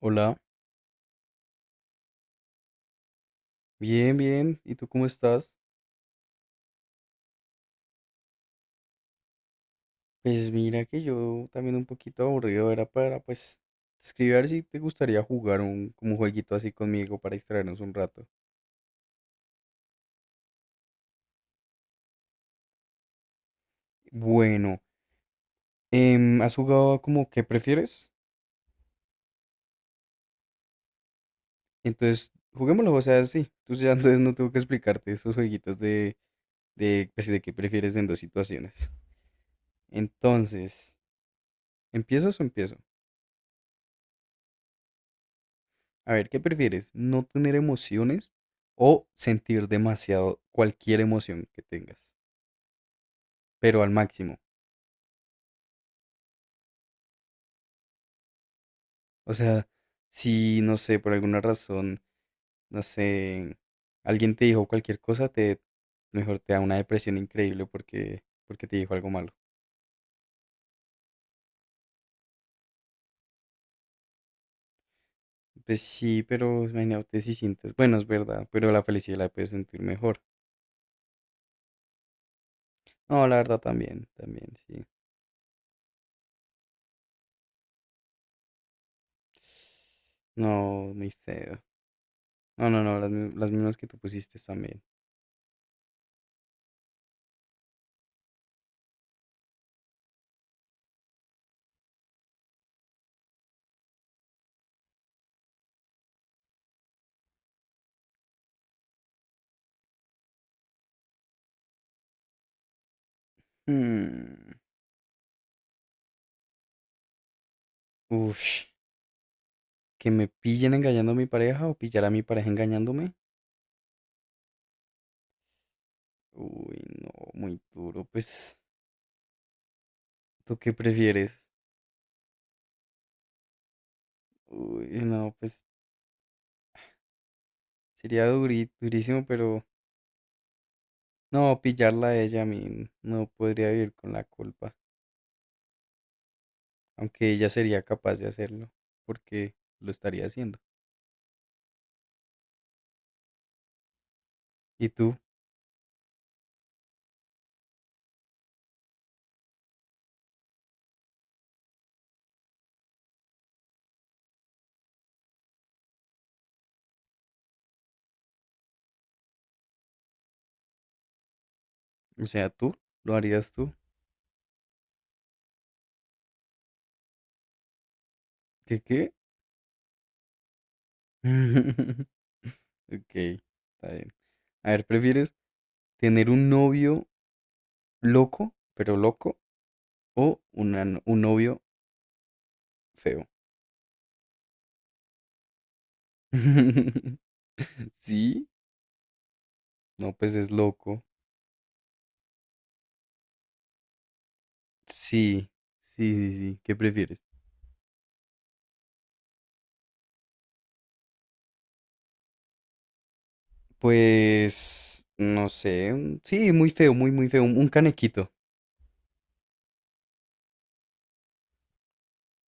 Hola, bien, bien. ¿Y tú cómo estás? Pues mira que yo también un poquito aburrido era para pues escribir a ver si te gustaría jugar un como un jueguito así conmigo para distraernos un rato. Bueno, ¿has jugado como qué prefieres? Entonces, juguémoslo, o sea, sí. Tú ya entonces no tengo que explicarte esos jueguitos de pues, sí, de qué prefieres en dos situaciones. Entonces, ¿empiezas o empiezo? A ver, ¿qué prefieres? ¿No tener emociones o sentir demasiado cualquier emoción que tengas, pero al máximo? O sea, si, no sé, por alguna razón, no sé, alguien te dijo cualquier cosa, te mejor te da una depresión increíble porque te dijo algo malo. Pues sí, pero imagínate si sientes, bueno, es verdad, pero la felicidad la puedes sentir mejor. No, la verdad también, también, sí. No, muy feo. No, no, no, las, las mismas que tú pusiste también. Mm, ush, que me pillen engañando a mi pareja o pillar a mi pareja engañándome. Uy, no, muy duro. Pues, ¿tú qué prefieres? Uy, no, pues sería durísimo, pero no, pillarla a ella a mí no podría vivir con la culpa, aunque ella sería capaz de hacerlo, porque lo estaría haciendo. ¿Y tú? O sea, ¿tú? ¿Lo harías tú? ¿Qué? Ok, está bien. A ver, ¿prefieres tener un novio loco, pero loco? O una un novio feo. Sí, no, pues es loco. Sí, sí, sí, sí. ¿Qué prefieres? Pues, no sé. Sí, muy feo, muy, muy feo. Un canequito,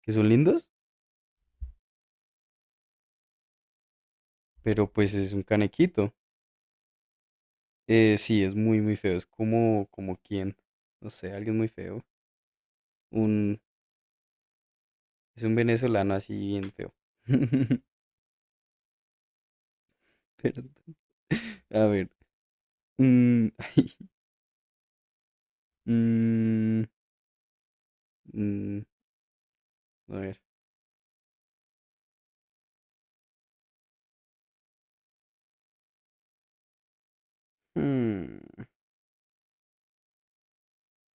que son lindos, pero pues es un canequito. Sí, es muy, muy feo. Es como, como quien, no sé, alguien muy feo. Un, es un venezolano así bien feo. Perdón. A ver. mm, mm, mm, a ver. mm.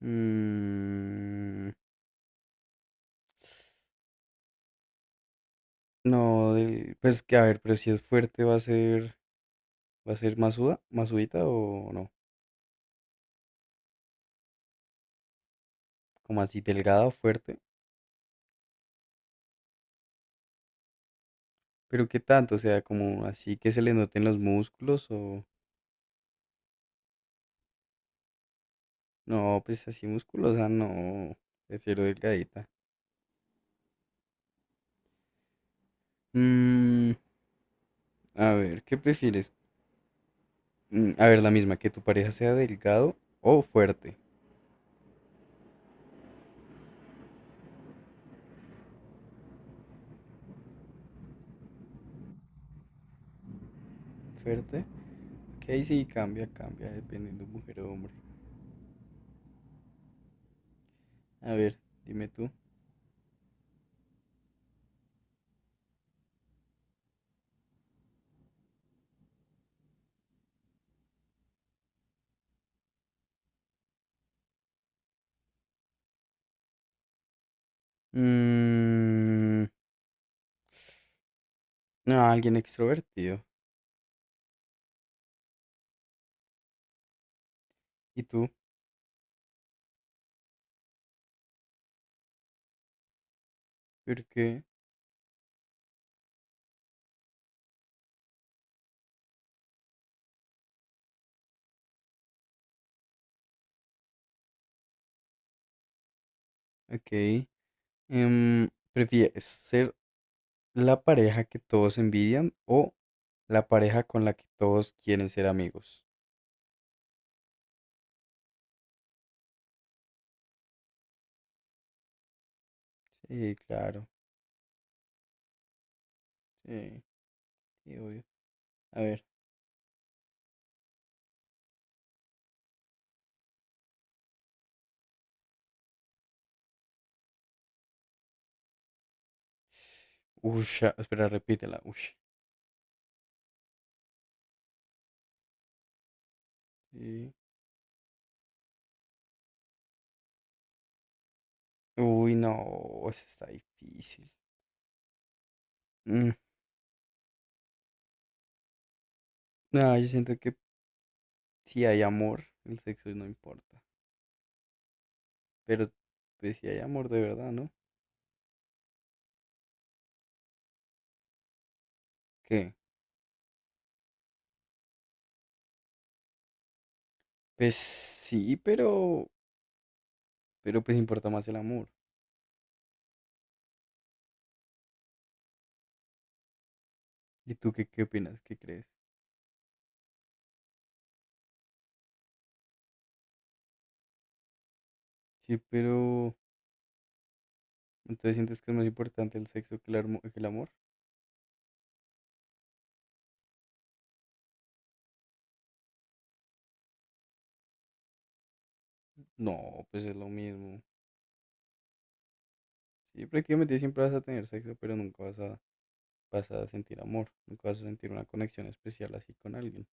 Mm, no, pues que a ver, pero si es fuerte va a ser masuda, masudita o no, como así delgada o fuerte, pero qué tanto, o sea, como así que se le noten los músculos o no, pues así musculosa, no, prefiero delgadita. Mm, a ver, ¿qué prefieres? A ver, la misma, que tu pareja sea delgado o fuerte. Fuerte, que ahí sí cambia, cambia, dependiendo mujer o hombre. A ver, dime tú. Mm, No, alguien extrovertido. ¿Y tú? ¿Por qué? Ok. ¿Prefieres ser la pareja que todos envidian o la pareja con la que todos quieren ser amigos? Sí, claro. Sí, sí, obvio. A ver. Ush, ah, espera, repítela. Ush. Sí. Uy, no, eso está difícil. Mm, No, yo siento que si hay amor, el sexo no importa. Pero pues si hay amor de verdad, ¿no? ¿Qué? Pues sí, pero pues importa más el amor. ¿Y tú qué, qué opinas? ¿Qué crees? Sí, pero entonces ¿sientes que es más importante el sexo que el, que el amor? No, pues es lo mismo. Sí, prácticamente siempre vas a tener sexo, pero nunca vas a, vas a sentir amor, nunca vas a sentir una conexión especial así con alguien.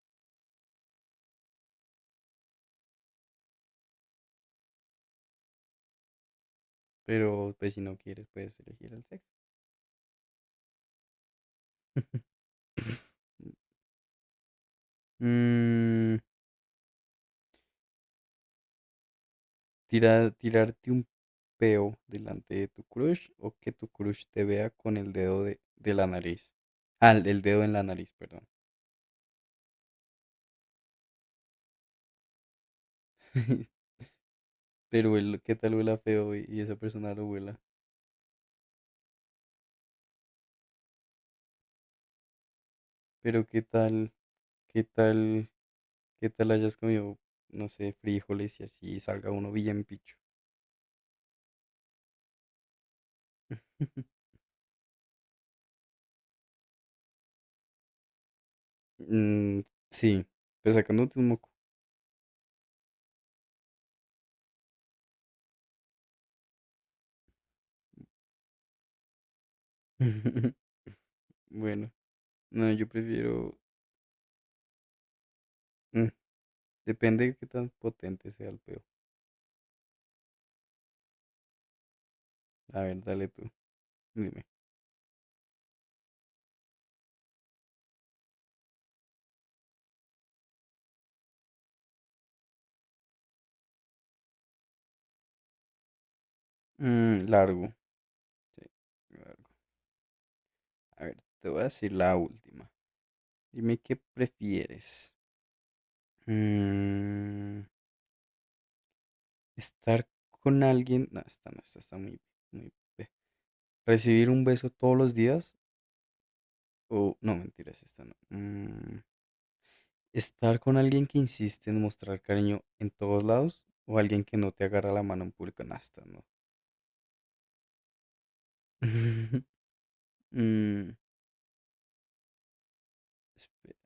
Pero pues si no quieres, puedes elegir el sexo. Mm, tirarte un peo delante de tu crush o que tu crush te vea con el dedo de la nariz. Ah, el dedo en la nariz, perdón. Pero qué tal huela feo y esa persona lo huela. Pero qué tal, qué tal, qué tal hayas comido, no sé, frijoles y así salga uno bien picho. Mm, sí, pues sacándote un moco. Bueno, no, yo prefiero. mm, depende de qué tan potente sea el peo. A ver, dale tú, dime. Mm, largo. Sí, largo. A ver, te voy a decir la última. Dime qué prefieres. Mm, Estar con alguien, no, esta no, esta está muy, muy, recibir un beso todos los días o, no, mentiras, esta no. Estar con alguien que insiste en mostrar cariño en todos lados o alguien que no te agarra la mano en público, no, esta no. Mm, espe-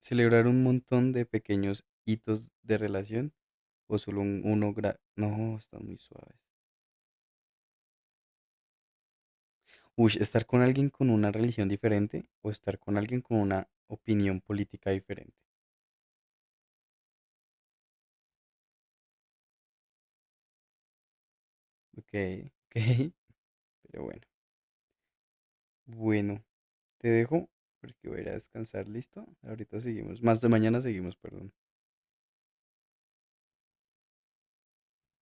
celebrar un montón de pequeños hitos de relación o solo uno, no, están muy suaves. Uy, estar con alguien con una religión diferente o estar con alguien con una opinión política diferente. Ok, ok, pero bueno. Bueno, te dejo porque voy a ir a descansar, ¿listo? Ahorita seguimos, más de mañana seguimos, perdón.